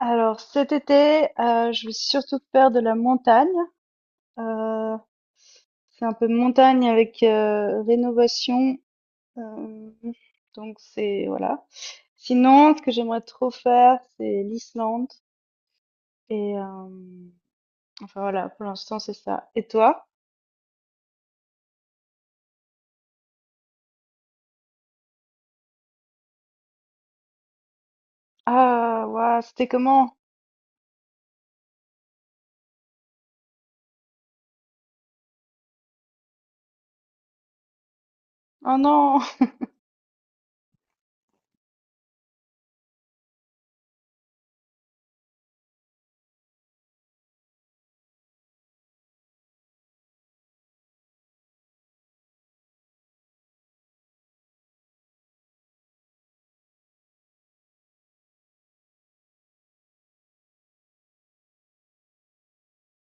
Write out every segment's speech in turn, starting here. Alors cet été, je vais surtout faire de la montagne. Euh, c'est un peu montagne avec rénovation. euh, donc c'est voilà. Sinon, ce que j'aimerais trop faire, c'est l'Islande. Et enfin voilà, pour l'instant c'est ça. Et toi? Ah, waouh, c'était comment? Oh non.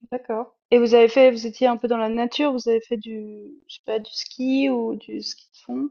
D'accord. Et vous étiez un peu dans la nature, vous avez fait du, je sais pas, du ski ou du ski de fond?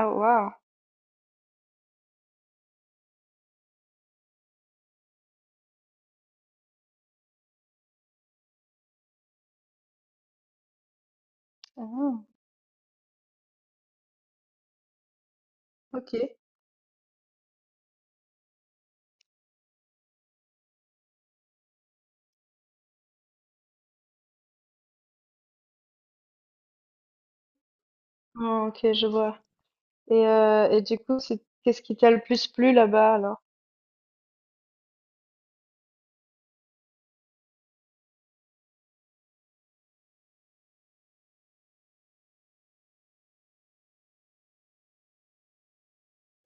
Ah, waouh. Ah, ok. Ah, ok, je vois. Et du coup, c'est qu'est-ce qui t'a le plus plu là-bas alors?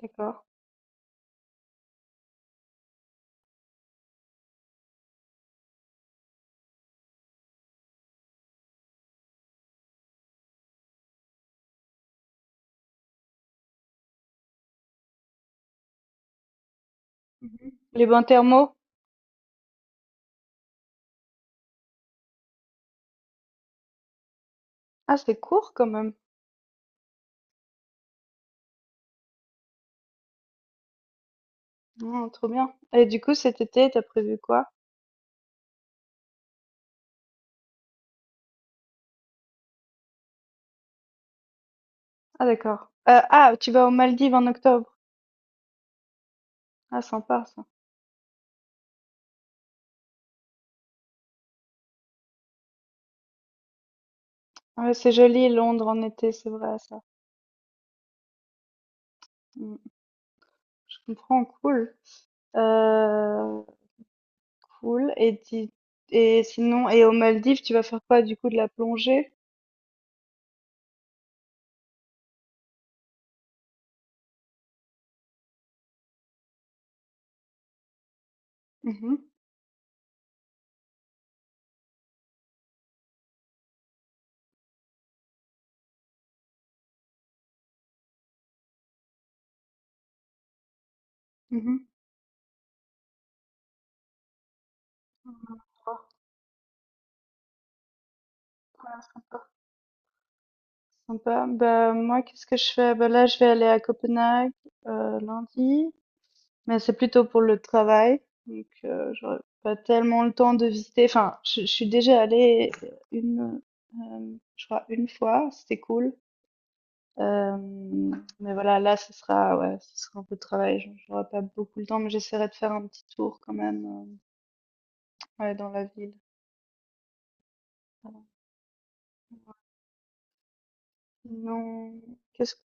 D'accord. Mmh. Les bains thermaux? Ah, c'est court quand même. Mmh, trop bien. Et du coup, cet été, t'as prévu quoi? Ah, d'accord. Ah, tu vas aux Maldives en octobre? Ah, sympa ça. Ouais, c'est joli Londres en été, c'est vrai ça. Mmh, je comprends, cool. Heu, cool, et sinon, aux Maldives, tu vas faire quoi du coup? De la plongée? Mmh mh. Mmh. Sympa. Bah, moi, qu'est-ce que je fais? Bah, là, je vais aller à Copenhague lundi, mais c'est plutôt pour le travail. Donc, j'aurai pas tellement le temps de visiter. Enfin, je suis déjà allée une, je crois, une fois. C'était cool. Euh, mais voilà, là, ce sera, ouais, ce sera un peu de travail. J'aurai pas beaucoup le temps, mais j'essaierai de faire un petit tour quand même, ouais, dans la ville. Voilà. Non, qu'est-ce que,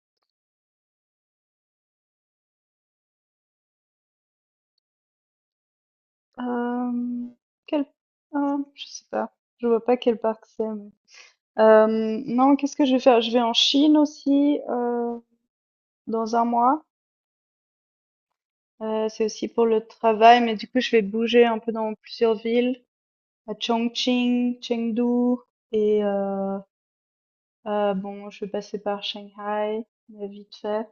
euh, quel, ah, je sais pas. Je vois pas quel parc c'est. Non, qu'est-ce que je vais faire? Je vais en Chine aussi, dans un mois. C'est aussi pour le travail, mais du coup, je vais bouger un peu dans plusieurs villes, à Chongqing, Chengdu et bon, je vais passer par Shanghai, mais vite fait,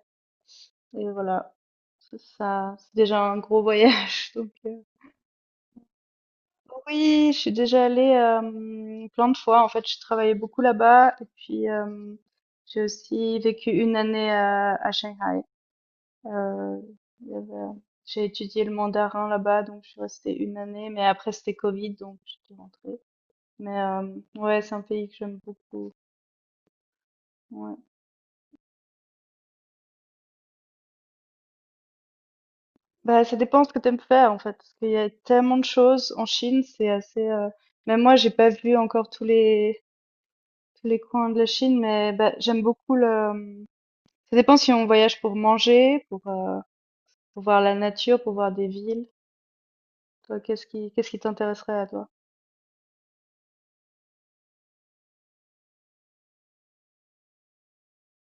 et voilà. C'est ça, c'est déjà un gros voyage, donc oui, je suis déjà allée, plein de fois. En fait, je travaillais beaucoup là-bas et puis, j'ai aussi vécu une année à Shanghai. Euh, il y avait- J'ai étudié le mandarin là-bas, donc je suis restée une année, mais après c'était Covid, donc je suis rentrée. Mais ouais, c'est un pays que j'aime beaucoup. Ouais. Bah, ça dépend ce que t'aimes faire en fait, parce qu'il y a tellement de choses en Chine, c'est assez. Même moi, j'ai pas vu encore tous les coins de la Chine, mais bah, j'aime beaucoup le. Ça dépend si on voyage pour manger, pour voir la nature, pour voir des villes. Toi, qu'est-ce qui t'intéresserait à toi?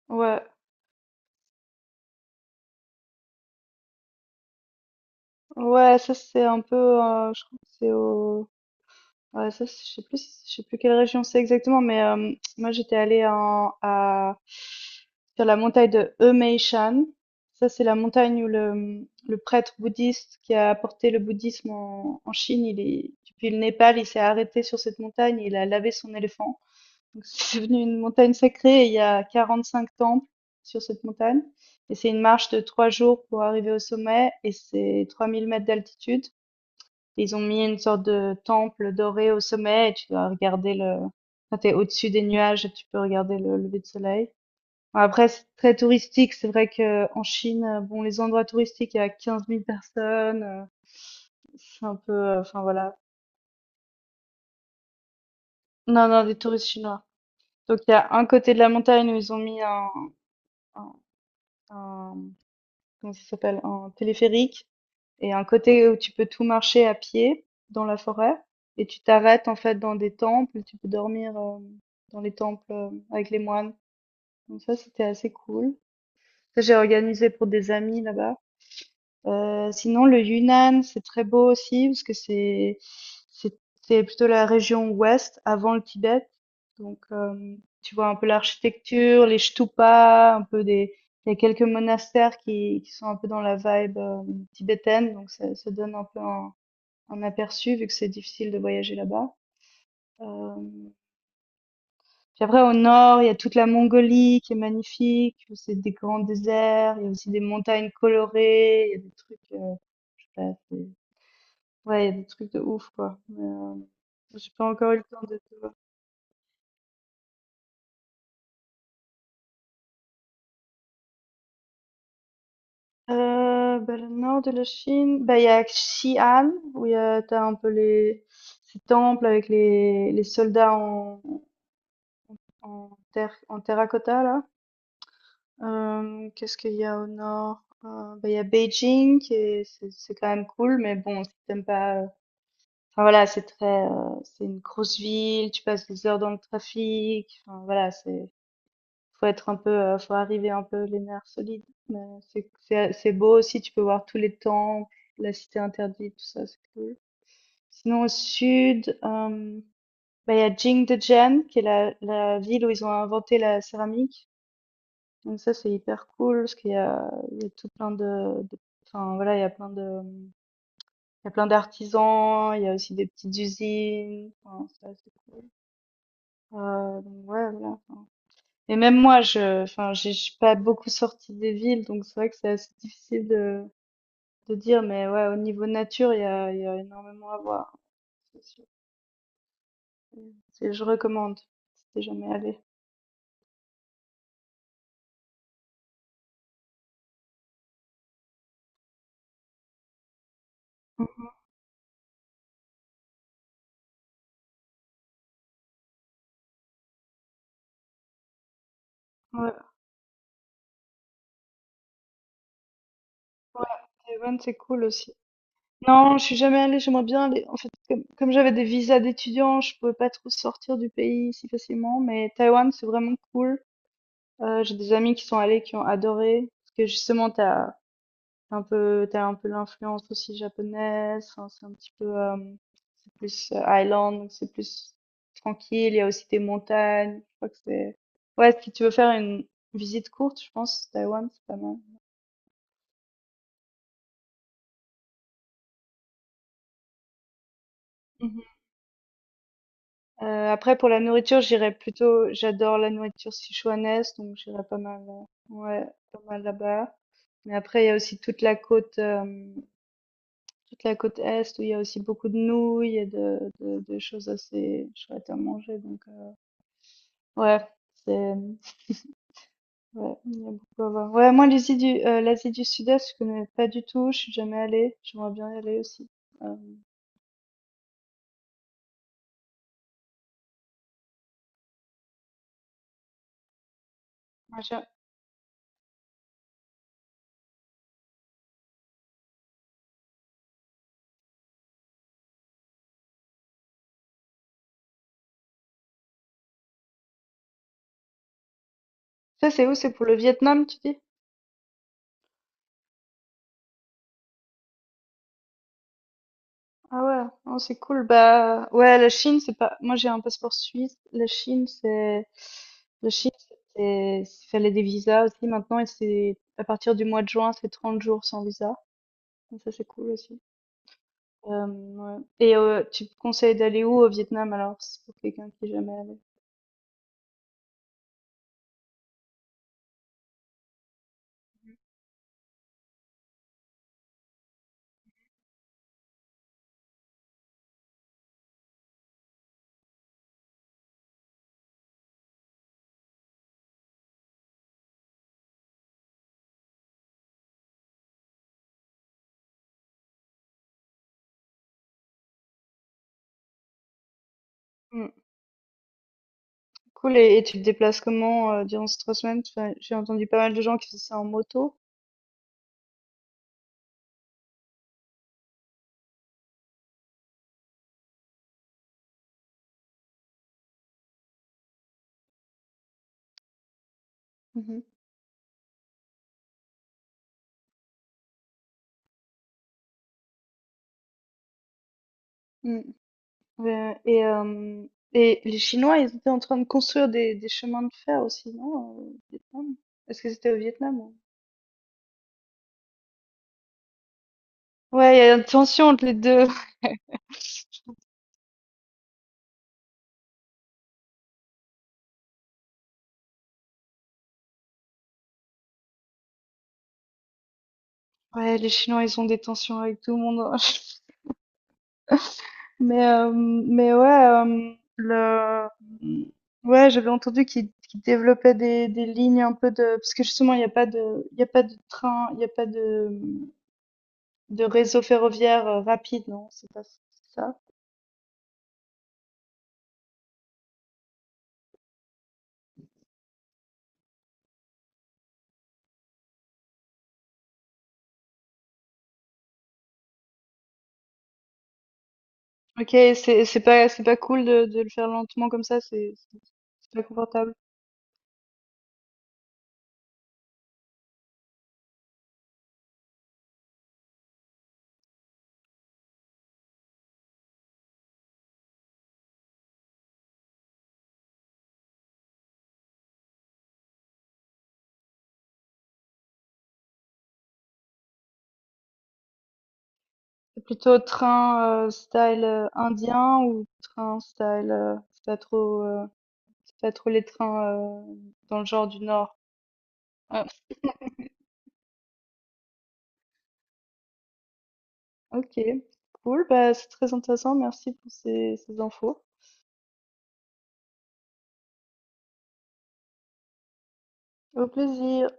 Ouais. Ouais, ça c'est un peu, je crois que c'est au, ouais, je sais plus quelle région c'est exactement, mais moi j'étais allée en, à, sur la montagne de Emeishan. Ça c'est la montagne où le prêtre bouddhiste qui a apporté le bouddhisme en Chine, il est, depuis le Népal, il s'est arrêté sur cette montagne, et il a lavé son éléphant. Donc c'est devenu une montagne sacrée, et il y a 45 temples sur cette montagne. Et c'est une marche de 3 jours pour arriver au sommet, et c'est 3 000 mètres d'altitude. Ils ont mis une sorte de temple doré au sommet et tu dois regarder le, quand t'es au-dessus des nuages, et tu peux regarder le lever de soleil. Bon, après, c'est très touristique. C'est vrai que en Chine, bon, les endroits touristiques, il y a 15 000 personnes. C'est un peu, enfin voilà. Non, non, des touristes chinois. Donc il y a un côté de la montagne où ils ont mis un, un- comment ça s'appelle, un téléphérique. Et un côté où tu peux tout marcher à pied dans la forêt et tu t'arrêtes en fait dans des temples, tu peux dormir dans les temples avec les moines. Donc ça, c'était assez cool. Ça, j'ai organisé pour des amis là-bas. Sinon, le Yunnan, c'est très beau aussi parce que c'est c'est plutôt la région ouest avant le Tibet. Donc tu vois un peu l'architecture, les stupas, un peu des, il y a quelques monastères qui sont un peu dans la vibe tibétaine, donc ça donne un peu un, aperçu, vu que c'est difficile de voyager là-bas. Euh, Puis après, au nord, il y a toute la Mongolie qui est magnifique, où c'est des grands déserts. Il y a aussi des montagnes colorées. Il y a des trucs, je sais pas, ouais, il y a des trucs de ouf, quoi. Mais, j'ai pas encore eu le temps de tout voir. Bah, le nord de la Chine, bah, il y a Xi'an, où il y a, t'as un peu les, ces temples avec les soldats en terre, en terracotta, là. Qu'est-ce qu'il y a au nord? Bah, il y a Beijing, qui est, c'est quand même cool, mais bon, si t'aimes pas. Enfin voilà, c'est très, c'est une grosse ville, tu passes des heures dans le trafic. Enfin voilà, c'est, faut être un peu, faut arriver un peu les nerfs solides. Mais c'est beau aussi, tu peux voir tous les temples, la cité interdite, tout ça, c'est cool. Sinon au sud, bah, il y a Jingdezhen, qui est la ville où ils ont inventé la céramique. Donc ça, c'est hyper cool parce qu'il y a tout plein de, enfin voilà, il y a plein d'artisans, il y a aussi des petites usines. Enfin, c'est assez cool. Donc ouais, voilà. Enfin. Et même moi, enfin, je suis pas beaucoup sortie des villes, donc c'est vrai que c'est assez difficile de dire, mais ouais, au niveau nature, il y a énormément à voir. C'est sûr. Je recommande si t'es jamais allé. Ouais, ouais, Taïwan, c'est cool aussi. Non, je suis jamais allée, j'aimerais bien aller. En fait, comme j'avais des visas d'étudiants, je pouvais pas trop sortir du pays si facilement, mais Taïwan, c'est vraiment cool. J'ai des amis qui sont allés, qui ont adoré, parce que justement, t'as un peu l'influence aussi japonaise, hein, c'est un petit peu, c'est plus island, donc c'est plus tranquille, il y a aussi des montagnes, je crois que c'est... Ouais, si tu veux faire une visite courte, je pense, Taïwan, c'est pas mal. Après, pour la nourriture, j'irais plutôt, j'adore la nourriture sichuanaise, donc j'irais pas mal, ouais, pas mal là-bas. Mais après, il y a aussi toute la côte est où il y a aussi beaucoup de nouilles et de choses assez chouettes à manger. Donc, ouais, c'est, ouais, il y a beaucoup à voir. Ouais, moi, l'Asie du Sud-Est, je connais pas du tout, je suis jamais allée, j'aimerais bien y aller aussi. Euh, moi, j'ai- Ça, c'est où? C'est pour le Vietnam, tu dis? Ah ouais, non, c'est cool. Bah ouais, la Chine, c'est pas. Moi, j'ai un passeport suisse. La Chine, c'est. La Chine, c'est. Il fallait des visas aussi maintenant, et c'est à partir du mois de juin, c'est 30 jours sans visa. Donc ça, c'est cool aussi. Ouais. Et tu me conseilles d'aller où au Vietnam alors, c'est pour quelqu'un qui est jamais allé. Hmm. Cool. Et tu te déplaces comment durant ces 3 semaines? Enfin, j'ai entendu pas mal de gens qui faisaient ça en moto. Mhm. Ouais, et les Chinois, ils étaient en train de construire des chemins de fer aussi, non? Au Vietnam? Est-ce que c'était au Vietnam? Ouais, il y a une tension entre les deux. Ouais, les Chinois, ils ont des tensions avec tout le monde, hein. Mais ouais, le... ouais, j'avais entendu qu'ils développaient des lignes un peu de... Parce que justement, il y a pas de train, il n'y a pas de réseau ferroviaire rapide, non? C'est pas ça? OK, c'est pas cool de le faire lentement comme ça, c'est pas confortable. C'est plutôt train, style, indien, ou train style, c'est pas trop les trains, dans le genre du Nord? Ah, OK, cool, bah, c'est très intéressant, merci pour ces infos. Au plaisir.